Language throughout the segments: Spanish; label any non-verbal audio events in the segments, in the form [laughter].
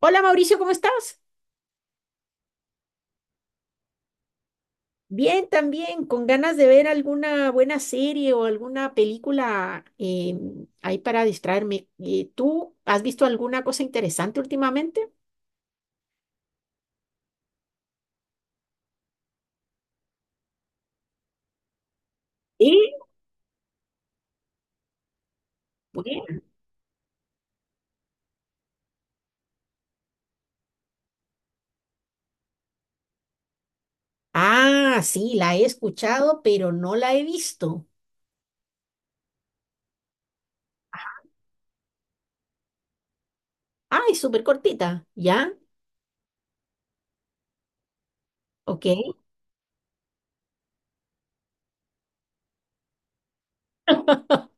Hola Mauricio, ¿cómo estás? Bien, también, con ganas de ver alguna buena serie o alguna película ahí para distraerme. ¿Tú has visto alguna cosa interesante últimamente? ¿Eh? Bueno. Ah, sí, la he escuchado, pero no la he visto. Ah, es súper cortita, ¿ya? Ok,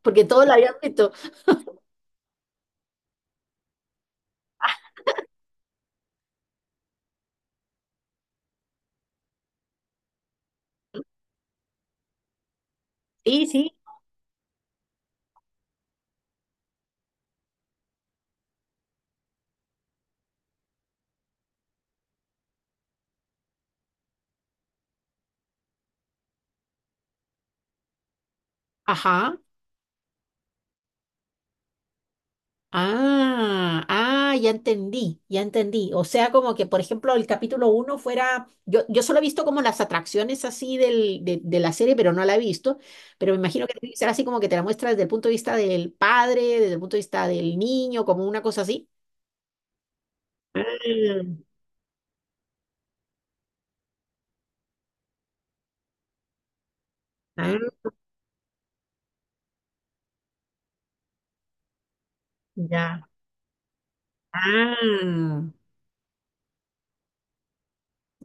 porque todos la habían visto. Sí, sí. Ajá. Ah, ah, ya entendí, ya entendí. O sea, como que, por ejemplo, el capítulo uno fuera, yo solo he visto como las atracciones así de la serie, pero no la he visto, pero me imagino que debe ser así como que te la muestra desde el punto de vista del padre, desde el punto de vista del niño, como una cosa así. Mm. Ah, ya. Ah,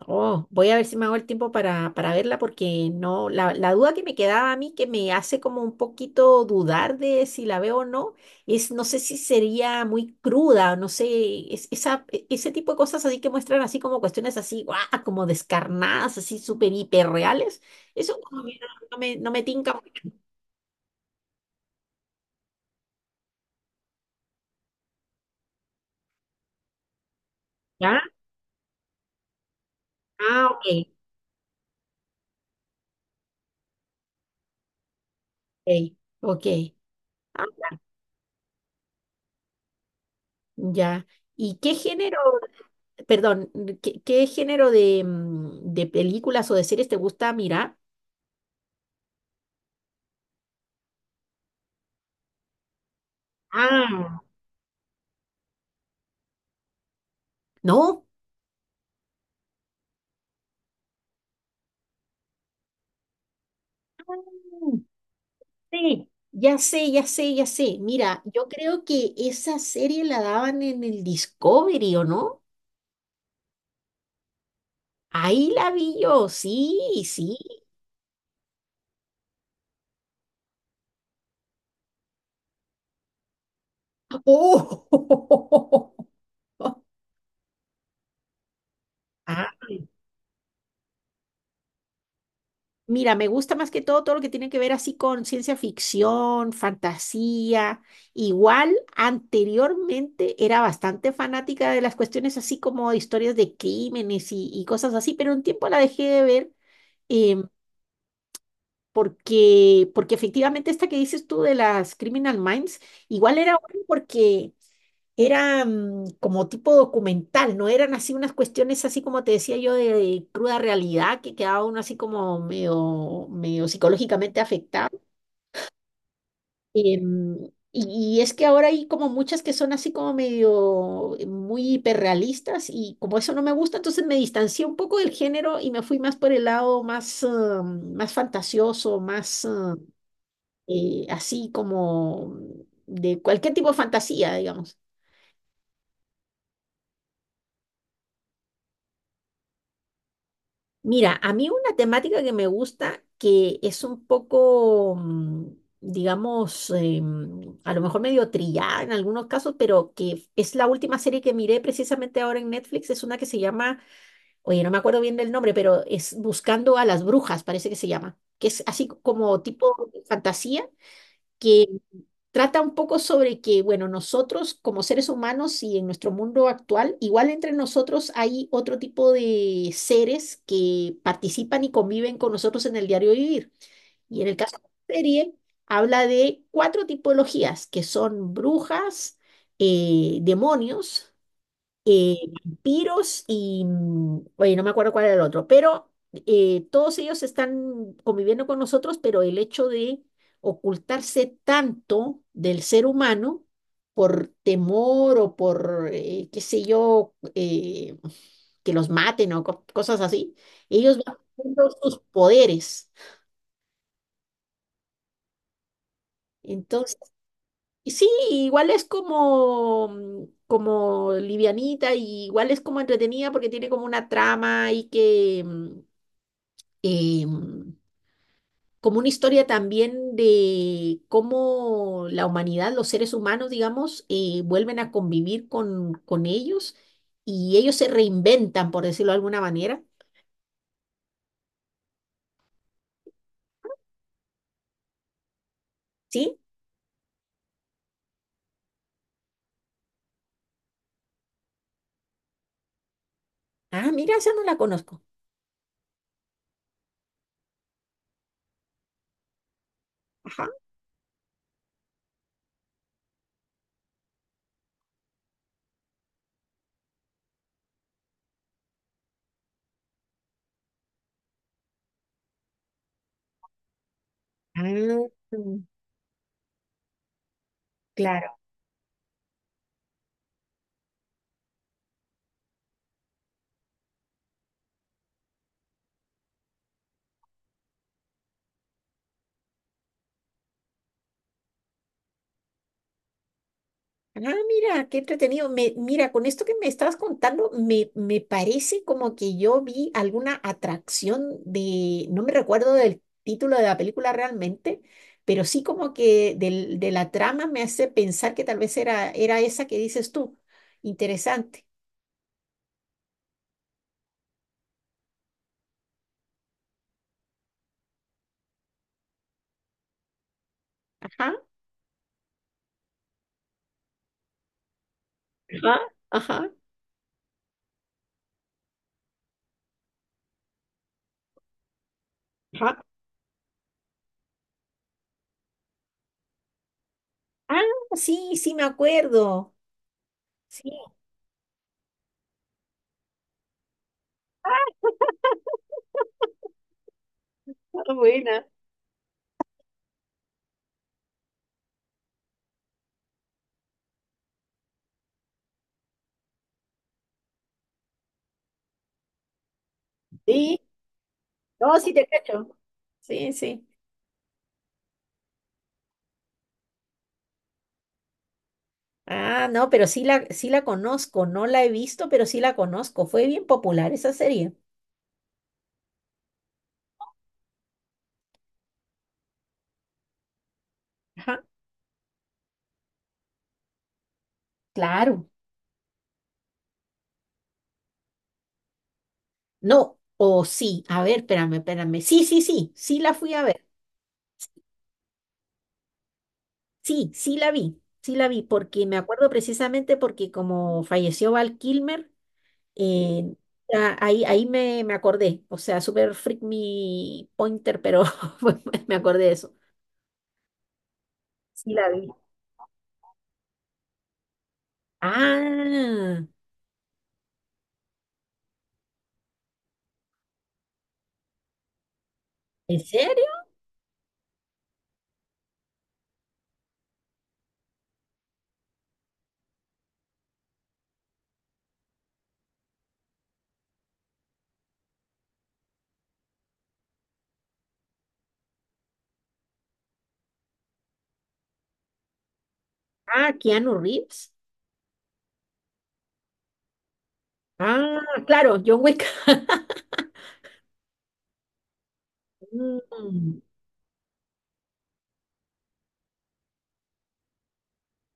oh, voy a ver si me hago el tiempo para verla porque no, la duda que me quedaba a mí, que me hace como un poquito dudar de si la veo o no, es no sé si sería muy cruda, no sé, es, esa, ese tipo de cosas así que muestran así como cuestiones así, guau, como descarnadas, así súper hiperreales, eso como que no, no me, no me tinca mucho. ¿Ya? Ah, ok, ok, ok. Ah, ya. ¿Y qué género? Perdón, ¿qué, qué género de, de películas o de series te gusta mirar? Ah, no, mm, sí. Ya sé, ya sé, ya sé. Mira, yo creo que esa serie la daban en el Discovery, ¿o no? Ahí la vi yo, sí, sí. ¡Oh! [laughs] Ah. Mira, me gusta más que todo todo lo que tiene que ver así con ciencia ficción, fantasía. Igual, anteriormente era bastante fanática de las cuestiones así como de historias de crímenes y cosas así, pero un tiempo la dejé de ver, em, porque, porque efectivamente esta que dices tú de las Criminal Minds, igual era bueno porque era como tipo documental, no eran así unas cuestiones así como te decía yo de cruda realidad que quedaba uno así como medio, medio psicológicamente afectado. Em, y es que ahora hay como muchas que son así como medio muy hiperrealistas y como eso no me gusta, entonces me distancié un poco del género y me fui más por el lado más, más fantasioso, más así como de cualquier tipo de fantasía, digamos. Mira, a mí una temática que me gusta, que es un poco, digamos, a lo mejor medio trillada en algunos casos, pero que es la última serie que miré precisamente ahora en Netflix, es una que se llama, oye, no me acuerdo bien del nombre, pero es Buscando a las Brujas, parece que se llama, que es así como tipo fantasía. Trata un poco sobre que, bueno, nosotros como seres humanos y en nuestro mundo actual, igual entre nosotros hay otro tipo de seres que participan y conviven con nosotros en el diario vivir. Y en el caso de la serie, habla de cuatro tipologías, que son brujas, demonios, eh, vampiros y, mm, oye, no me acuerdo cuál era el otro, pero todos ellos están conviviendo con nosotros, pero el hecho de ocultarse tanto del ser humano por temor o por, qué sé yo, que los maten o cosas así, ellos van perdiendo sus poderes. Entonces y sí, igual es como, como livianita y igual es como entretenida porque tiene como una trama y que eh, mm, como una historia también de cómo la humanidad, los seres humanos, digamos, vuelven a convivir con ellos y ellos se reinventan, por decirlo de alguna manera. ¿Sí? Ah, mira, esa no la conozco. Ajá. Ah, claro. Ah, mira, qué entretenido. Me, mira, con esto que me estabas contando, me parece como que yo vi alguna atracción de, no me recuerdo del título de la película realmente, pero sí como que de la trama me hace pensar que tal vez era, era esa que dices tú. Interesante. Ajá, ajá, ajá, ajá. Ah, sí, sí, me acuerdo. Sí, ah, buena, sí. No, sí te cacho. Sí, sí. Ah, no, pero sí la, sí la conozco, no la he visto, pero sí la conozco. Fue bien popular esa serie. Ajá. Claro. No, o sí, a ver, espérame, espérame. Sí, sí, sí, sí la fui a ver. Sí, sí la vi, porque me acuerdo precisamente porque como falleció Val Kilmer, eh, ah, ahí, ahí me, me acordé. O sea, super freak me pointer, pero [laughs] pues, me acordé de eso. Sí la vi. Ah, ¿en serio? Ah, Keanu Reeves. Ah, claro, John Wick. [laughs] Mm,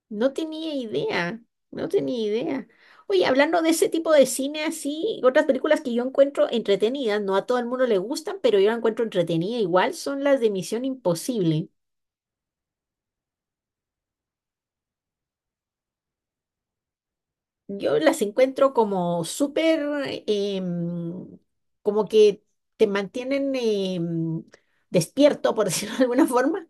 no tenía idea, no tenía idea. Oye, hablando de ese tipo de cine así, otras películas que yo encuentro entretenidas, no a todo el mundo le gustan, pero yo la encuentro entretenida igual, son las de Misión Imposible. Yo las encuentro como súper, em, como que te mantienen despierto, por [laughs] decirlo de alguna forma.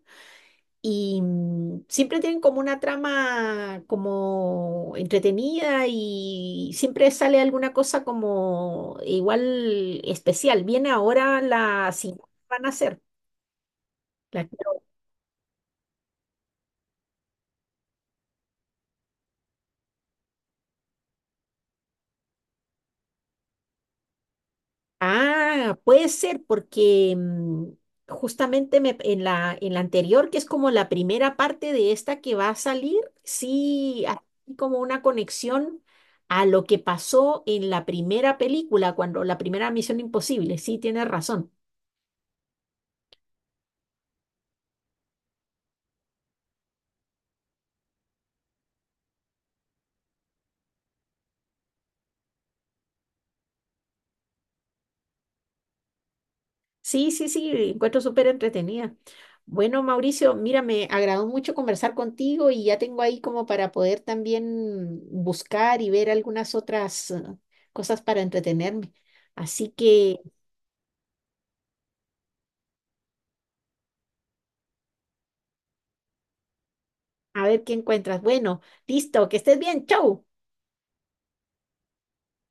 Y siempre tienen como una trama como entretenida y siempre sale alguna cosa como igual especial. Viene ahora la siguiente que van a hacer. No. Ah, puede ser porque justamente en la anterior, que es como la primera parte de esta que va a salir, sí hay como una conexión a lo que pasó en la primera película, cuando la primera Misión Imposible. Sí, tienes razón. Sí, sí, sí, encuentro súper entretenida. Bueno, Mauricio, mira, me agradó mucho conversar contigo y ya tengo ahí como para poder también buscar y ver algunas otras cosas para entretenerme. Así que, a ver qué encuentras. Bueno, listo, que estés bien, chau.